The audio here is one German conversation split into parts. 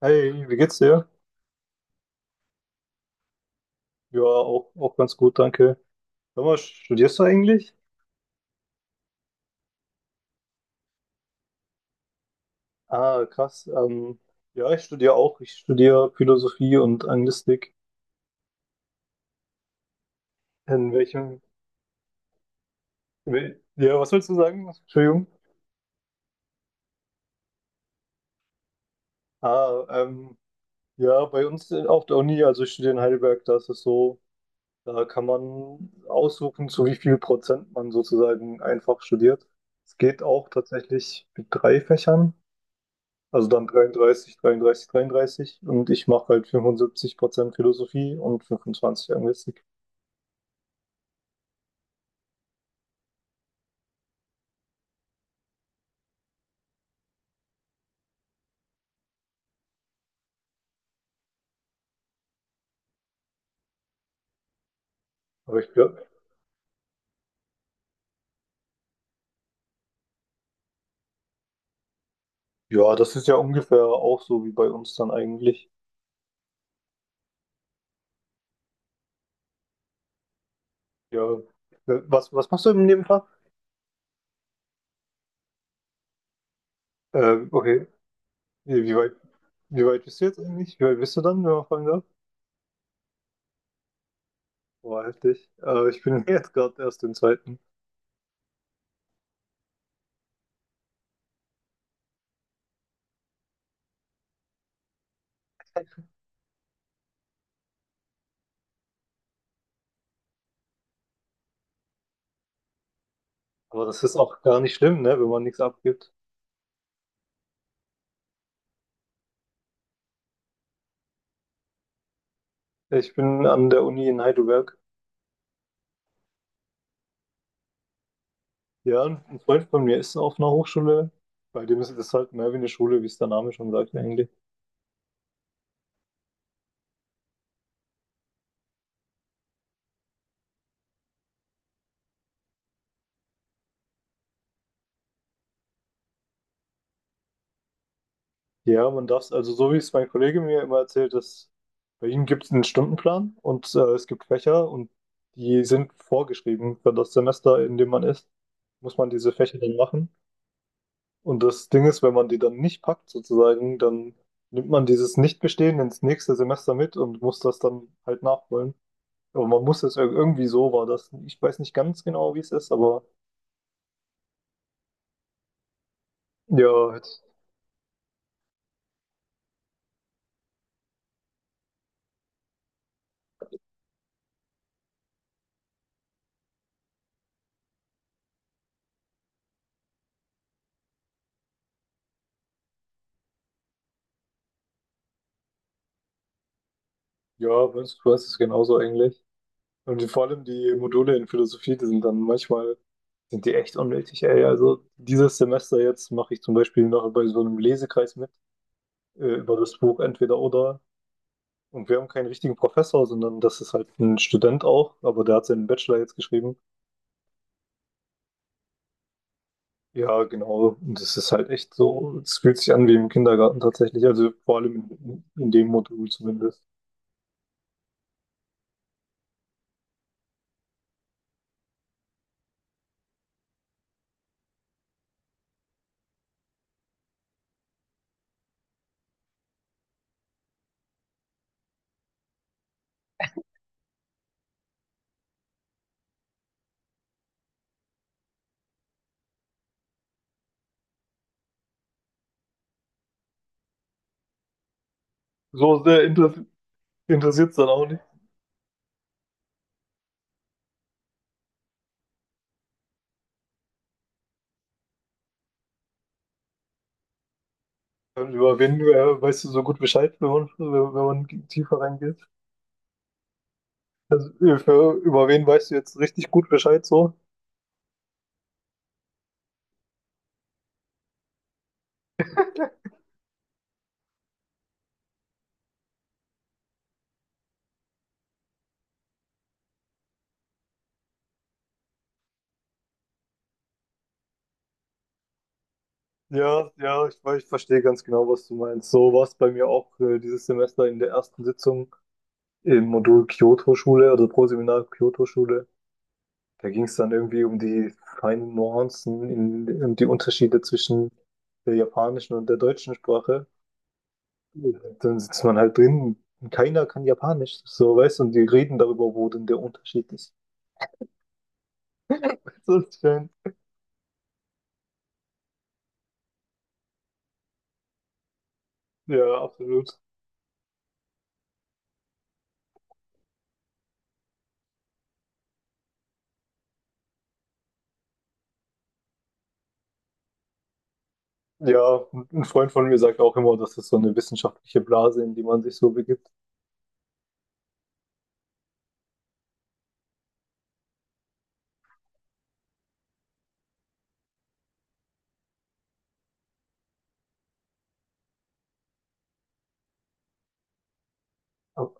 Hey, wie geht's dir? Ja, auch, ganz gut, danke. Sag mal, studierst du eigentlich? Ah, krass. Ja, ich studiere auch. Ich studiere Philosophie und Anglistik. In welchem? Ja, was willst du sagen? Entschuldigung. Ah, ähm, ja, bei uns auf der Uni, also ich studiere in Heidelberg, da ist es so, da kann man aussuchen, zu wie viel Prozent man sozusagen einfach studiert. Es geht auch tatsächlich mit drei Fächern. Also dann 33, 33, 33 und ich mache halt 75% Philosophie und 25 Anglistik. Aber ich glaube, ja, das ist ja ungefähr auch so wie bei uns dann eigentlich. Ja. Was machst du im Nebenfach? Okay. Wie wie weit, wie weit bist du jetzt eigentlich? Wie weit bist du dann, wenn man fragen darf? Boah, heftig. Ich bin jetzt gerade erst im zweiten. Aber das ist auch gar nicht schlimm, ne, wenn man nichts abgibt. Ich bin an der Uni in Heidelberg. Ja, ein Freund von mir ist auf einer Hochschule, bei dem ist das halt mehr wie eine Schule, wie es der Name schon sagt eigentlich. Ja, man darf es, also so wie es mein Kollege mir immer erzählt, dass bei ihm gibt es einen Stundenplan und es gibt Fächer und die sind vorgeschrieben für das Semester, in dem man ist, muss man diese Fächer dann machen. Und das Ding ist, wenn man die dann nicht packt sozusagen, dann nimmt man dieses Nichtbestehen ins nächste Semester mit und muss das dann halt nachholen. Aber man muss es irgendwie so war das. Ich weiß nicht ganz genau, wie es ist, aber ja, ja, Burns Quest ist genauso eigentlich. Und vor allem die Module in Philosophie, die sind dann manchmal, sind die echt unnötig, ey. Also dieses Semester jetzt mache ich zum Beispiel noch bei so einem Lesekreis mit, über das Buch Entweder oder. Und wir haben keinen richtigen Professor, sondern das ist halt ein Student auch, aber der hat seinen Bachelor jetzt geschrieben. Ja, genau. Und das ist halt echt so, es fühlt sich an wie im Kindergarten tatsächlich, also vor allem in dem Modul zumindest. So sehr interessiert es dann auch. Über wen weißt du so gut Bescheid, wenn man tiefer reingeht? Also, über wen weißt du jetzt richtig gut Bescheid so? Ja, ja, ich verstehe ganz genau, was du meinst. So war es bei mir auch dieses Semester in der ersten Sitzung im Modul Kyoto-Schule, also Proseminar Kyoto-Schule. Da ging es dann irgendwie um die feinen Nuancen und die Unterschiede zwischen der japanischen und der deutschen Sprache. Dann sitzt man halt drin und keiner kann Japanisch, so weißt du, und die reden darüber, wo denn der Unterschied ist. Das ist schön. Ja, absolut. Ja, ein Freund von mir sagt auch immer, das ist so eine wissenschaftliche Blase, in die man sich so begibt. Aber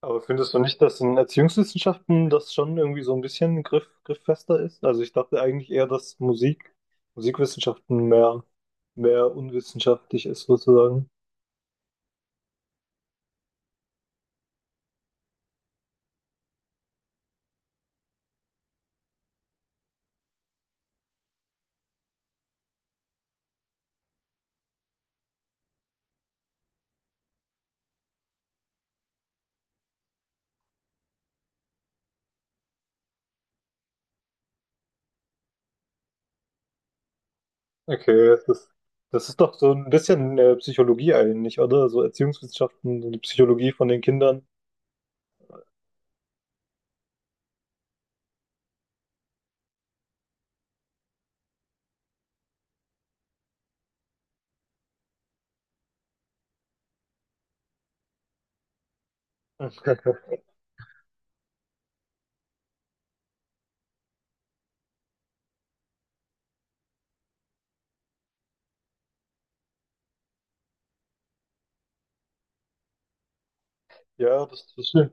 aber findest du nicht, dass in Erziehungswissenschaften das schon irgendwie so ein bisschen grifffester ist? Also ich dachte eigentlich eher, dass Musikwissenschaften mehr unwissenschaftlich ist sozusagen. Okay, das ist, das ist doch so ein bisschen Psychologie eigentlich, oder? So Erziehungswissenschaften, so die Psychologie von den Kindern. Ja, das stimmt.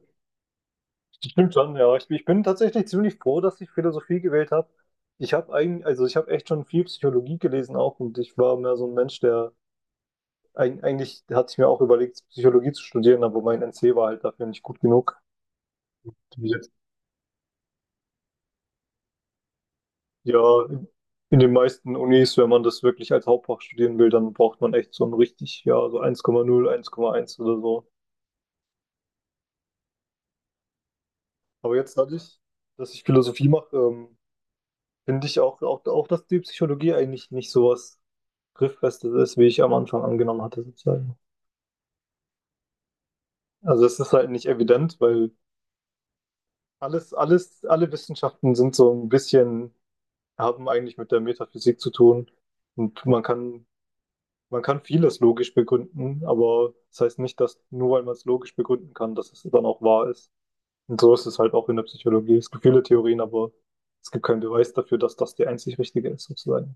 Das stimmt schon, ja. Ich bin tatsächlich ziemlich froh, dass ich Philosophie gewählt habe. Ich habe eigentlich, also ich habe echt schon viel Psychologie gelesen auch und ich war mehr so ein Mensch, der eigentlich hatte ich mir auch überlegt, Psychologie zu studieren, aber mein NC war halt dafür nicht gut genug. Wie jetzt, ja, in den meisten Unis, wenn man das wirklich als Hauptfach studieren will, dann braucht man echt so ein richtig, ja, so 1,0, 1,1 oder so. Aber jetzt dadurch, dass ich Philosophie mache, finde ich auch, dass die Psychologie eigentlich nicht sowas grifffest ist, wie ich am Anfang angenommen hatte, sozusagen. Also es ist halt nicht evident, weil alle Wissenschaften sind so ein bisschen, haben eigentlich mit der Metaphysik zu tun. Und man kann, man kann vieles logisch begründen, aber das heißt nicht, dass nur weil man es logisch begründen kann, dass es dann auch wahr ist. Und so ist es halt auch in der Psychologie. Es gibt viele Theorien, aber es gibt keinen Beweis dafür, dass das die einzig richtige ist, sozusagen.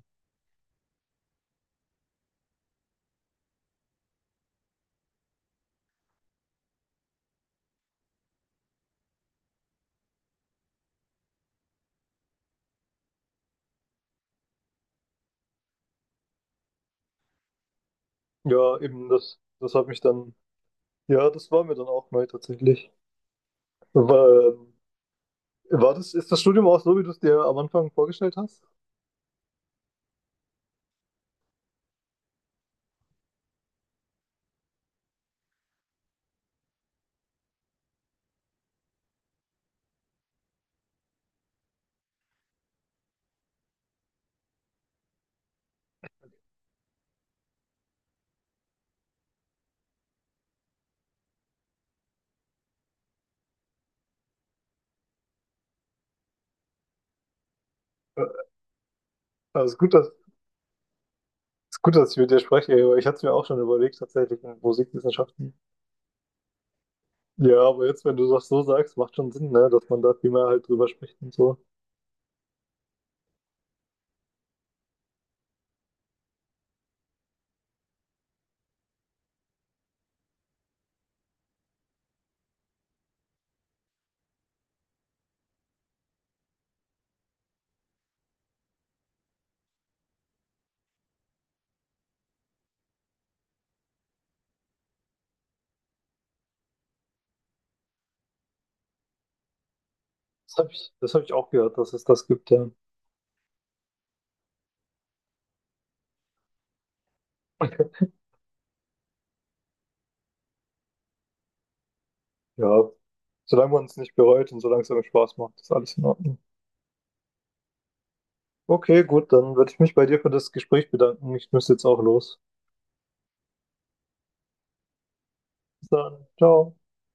Ja, eben, das, das hat mich dann, ja, das war mir dann auch neu tatsächlich. Weil, ähm, War ist das Studium auch so, wie du es dir am Anfang vorgestellt hast? Äh, Also ist gut, dass, ist gut, dass ich mit dir spreche, aber ich hatte es mir auch schon überlegt, tatsächlich in Musikwissenschaften. Ja, aber jetzt, wenn du das so sagst, macht schon Sinn, ne, dass man da viel mehr halt drüber spricht und so. Das hab ich auch gehört, dass es das gibt, ja. Ja, solange man es nicht bereut und solange es einem Spaß macht, ist alles in Ordnung. Okay, gut, dann würde ich mich bei dir für das Gespräch bedanken. Ich müsste jetzt auch los. Bis dann. Ciao.